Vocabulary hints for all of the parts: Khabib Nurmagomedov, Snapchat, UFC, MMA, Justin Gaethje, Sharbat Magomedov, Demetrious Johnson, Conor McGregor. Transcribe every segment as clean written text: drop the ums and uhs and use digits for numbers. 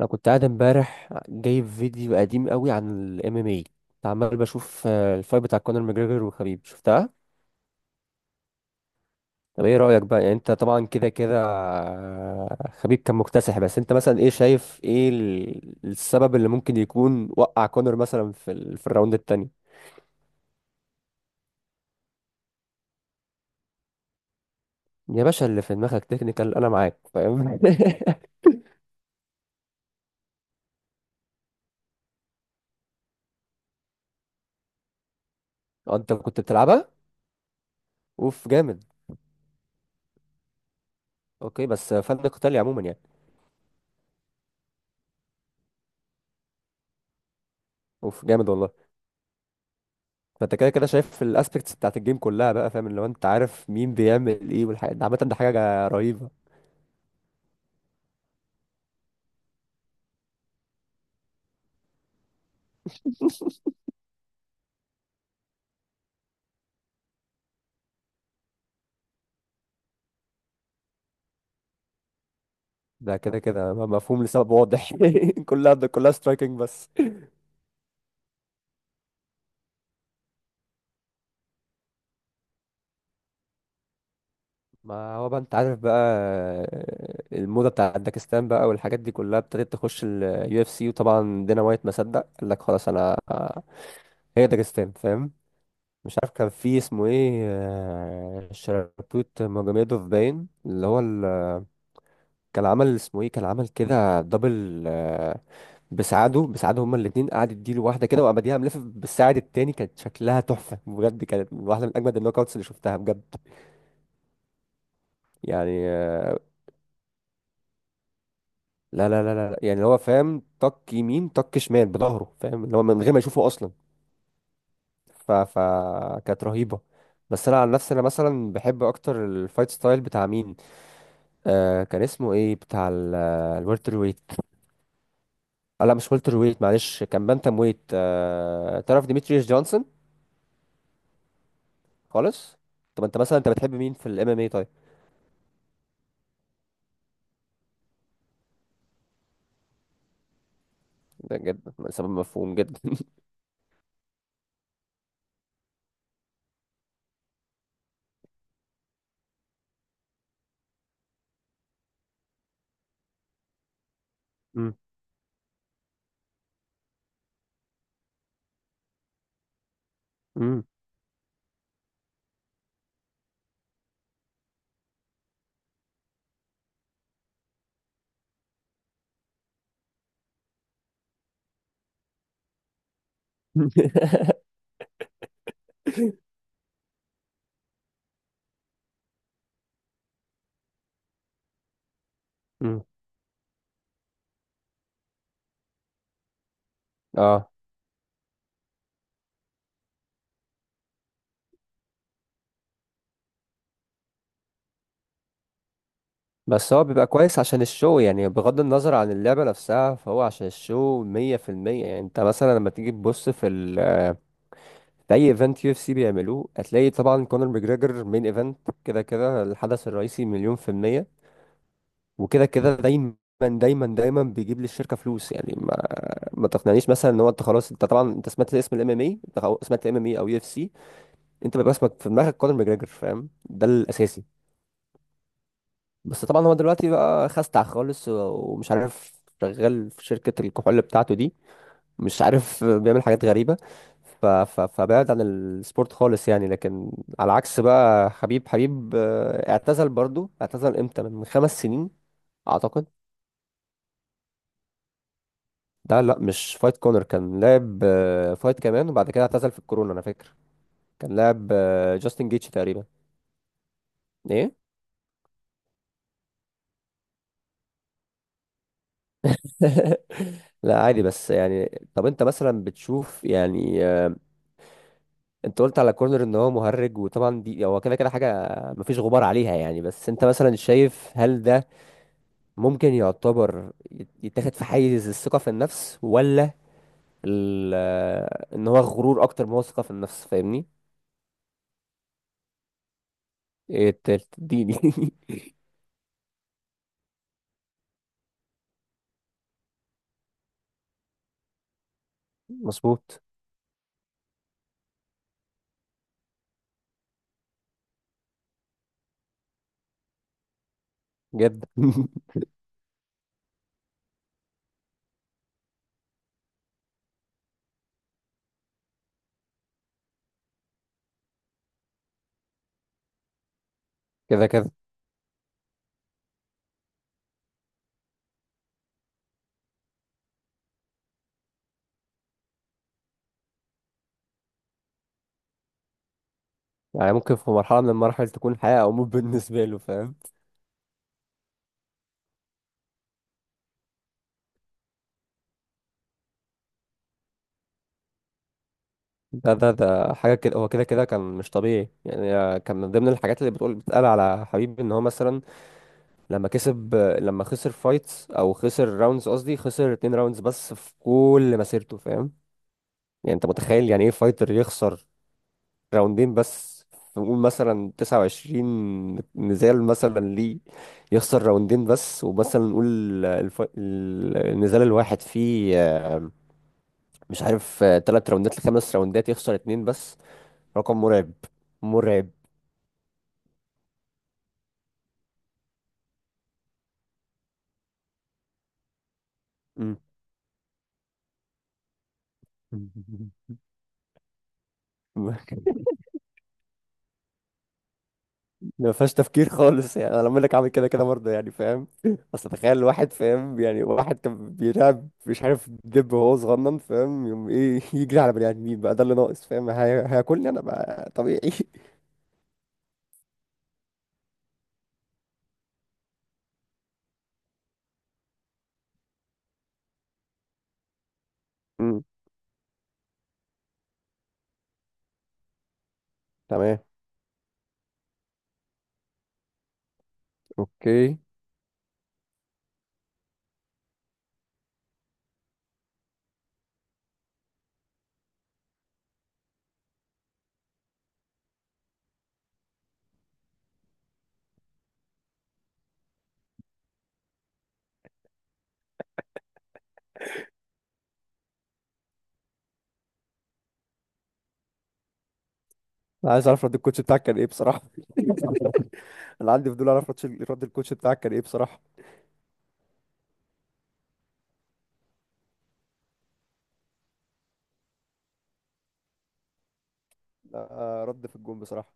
انا كنت قاعد امبارح جايب فيديو قديم قوي عن الام ام اي. كنت عمال بشوف الفايت بتاع كونر ماجريجر وخبيب شفتها. طب ايه رايك بقى يعني انت طبعا كده كده خبيب كان مكتسح، بس انت مثلا ايه شايف، ايه السبب اللي ممكن يكون وقع كونر مثلا في الراوند التاني؟ يا باشا، اللي في دماغك تكنيكال، انا معاك فاهم. انت كنت بتلعبها. اوف جامد. اوكي، بس فن قتالي عموما يعني. اوف جامد والله. فانت كده كده شايف الاسبكتس بتاعت الجيم كلها، بقى فاهم اللي هو انت عارف مين بيعمل ايه، والحاجات ده عامه، ده حاجه رهيبه. ده كده كده مفهوم لسبب واضح. كلها سترايكنج بس. ما هو بقى انت عارف بقى، الموضه بتاعت داكستان بقى والحاجات دي كلها ابتدت تخش اليو اف سي، وطبعا دينا وايت ما صدق قال لك خلاص انا. هي داكستان فاهم. مش عارف كان في اسمه ايه، شربوت ماجوميدوف باين اللي هو كان عمل اسمه ايه، كان عمل كده دبل بسعاده هما الاثنين، قعد يديله واحده كده وابديها ملف بالساعد التاني، كانت شكلها تحفه بجد، كانت واحده من اجمد النوك اوتس اللي شفتها بجد. يعني لا لا لا لا لا، يعني هو فاهم طق يمين طق شمال بظهره فاهم اللي هو من غير ما يشوفه اصلا. ف ف كانت رهيبه. بس انا عن نفسي انا مثلا بحب اكتر الفايت ستايل بتاع مين؟ كان اسمه ايه بتاع الورتر، لا مش ولتر ويت معلش، كان بانتم ويت تعرف ديمتريوس جونسون؟ خالص. طب انت مثلا انت بتحب مين في الام ام اي طيب؟ ده جد سبب مفهوم جدا. مم. مم. مم. اه، بس هو بيبقى كويس عشان الشو يعني، بغض النظر عن اللعبة نفسها فهو عشان الشو 100% يعني. انت مثلا لما تيجي تبص في ال آه، في اي ايفنت يو اف سي بيعملوه هتلاقي طبعا كونر ماجريجر مين ايفنت. كده كده الحدث الرئيسي مليون في المية، وكده كده دايما دايما دايما بيجيب للشركة فلوس يعني. ما تقنعنيش مثلا ان هو، انت خلاص، انت طبعا انت سمعت اسم الام ام اي، انت خلاص سمعت الام ام اي او يو اف سي، انت بيبقى اسمك في دماغك كونر ماجريجر فاهم، ده الاساسي. بس طبعا هو دلوقتي بقى خستع خالص ومش عارف شغال في شركة الكحول بتاعته دي، مش عارف بيعمل حاجات غريبة. فبعد عن السبورت خالص يعني، لكن على عكس بقى حبيب اعتزل برضو، اعتزل امتى، من 5 سنين اعتقد. ده لا مش فايت كونر، كان لعب فايت كمان وبعد كده اعتزل في الكورونا انا فاكر. كان لاعب جاستن جيتش تقريبا. ايه؟ لا عادي، بس يعني طب انت مثلا بتشوف يعني، انت قلت على كورنر ان هو مهرج، وطبعا دي هو كده كده حاجه مفيش غبار عليها يعني. بس انت مثلا شايف هل ده ممكن يعتبر يتاخد في حيز الثقه في النفس، ولا ان هو غرور اكتر ما هو ثقه في النفس فاهمني؟ ايه التالت؟ اديني. مظبوط جدا. كده كده يعني ممكن في مرحله من المراحل تكون حياه او موت بالنسبه له فاهم. ده حاجة كده، هو كده كده كان مش طبيعي يعني. كان من ضمن الحاجات اللي بتقول بتتقال على حبيب ان هو مثلا لما كسب، لما خسر فايتس او خسر راوندز، قصدي خسر 2 راوندز بس في كل مسيرته فاهم. يعني انت متخيل يعني ايه فايتر يخسر راوندين بس، في نقول مثلا 29 نزال مثلا ليه، يخسر راوندين بس، ومثلا نقول النزال الواحد فيه، مش عارف، 3 راوندات لخمس راوندات، يخسر اتنين بس. رقم مرعب. مرعب. مم. ما فيهاش تفكير خالص يعني. انا لما لك عامل كده كده برضه يعني فاهم. اصل تخيل واحد فاهم يعني، واحد كان بيلعب مش عارف دب وهو صغنن فاهم، يوم ايه يجري على بني ادمين، بقى ده اللي ناقص فاهم، هياكلني انا بقى طبيعي. مم. تمام. اوكي. أنا عايز اعرف رد الكوتش بتاعك كان ايه بصراحه. انا عندي فضول اعرف رد الكوتش بتاعك كان ايه بصراحه. لا، رد في الجون بصراحه،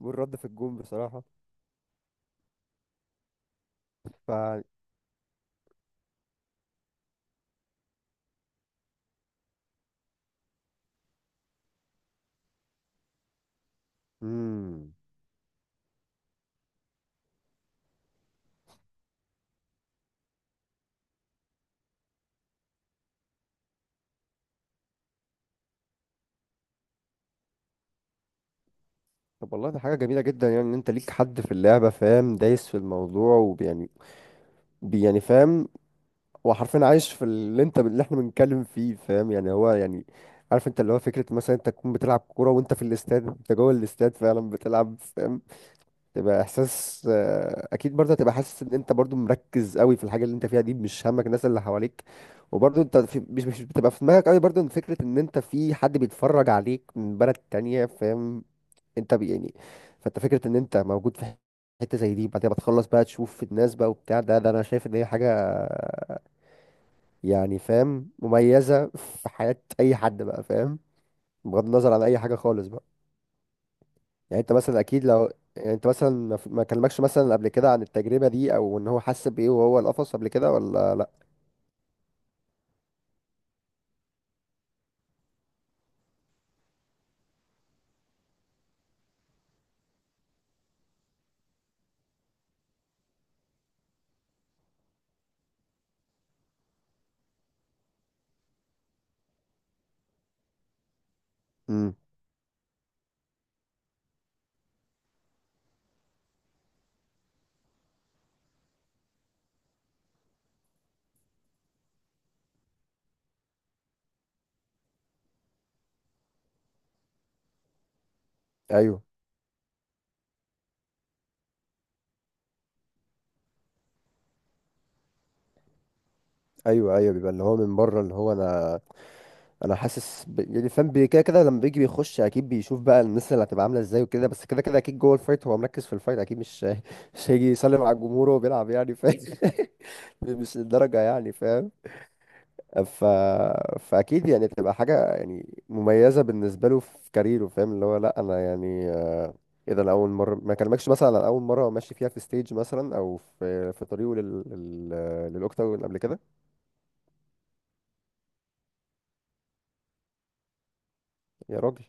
والرد في الجون بصراحه. ف مم. طب والله ده حاجة جميلة جدا يعني، ان انت ليك حد في اللعبة فاهم دايس في الموضوع، ويعني يعني فاهم، هو حرفيا عايش في اللي احنا بنتكلم فيه فاهم يعني، هو يعني عارف انت اللي هو فكرة مثلا انت تكون بتلعب كورة وانت في الاستاد، انت جوه الاستاد فعلا بتلعب فاهم، تبقى احساس اكيد برضه هتبقى حاسس ان انت برضه مركز قوي في الحاجة اللي انت فيها دي، مش همك الناس اللي حواليك، وبرضه انت في مش مش بتبقى في دماغك قوي برضه ان فكرة ان انت في حد بيتفرج عليك من بلد تانية فاهم. انت يعني فانت فكره ان انت موجود في حته زي دي، بعدين بتخلص بقى تشوف الناس بقى وبتاع، ده ده انا شايف ان هي حاجه يعني فاهم مميزه في حياه اي حد بقى فاهم، بغض النظر عن اي حاجه خالص بقى. يعني انت مثلا اكيد لو، يعني انت مثلا ما كلمكش مثلا قبل كده عن التجربه دي، او ان هو حس بايه وهو القفص قبل كده ولا لا؟ امم ايوه ايوه ايوه، بيبقى اللي هو من بره، اللي هو انا حاسس ب... يعني فاهم كده كده لما بيجي بيخش اكيد بيشوف بقى الناس اللي هتبقى عامله ازاي وكده، بس كده كده اكيد جوه الفايت هو مركز في الفايت اكيد، مش هيجي يسلم على الجمهور وهو بيلعب يعني فاهم. مش الدرجه يعني فاهم. ف... فاكيد يعني تبقى حاجه يعني مميزه بالنسبه له في كاريره فاهم، اللي هو لا انا يعني، ايه ده انا اول مره ما كلمكش مثلا عن اول مره هو ماشي فيها في ستيج مثلا، او في طريقه للاوكتاجون قبل كده. يا راجل.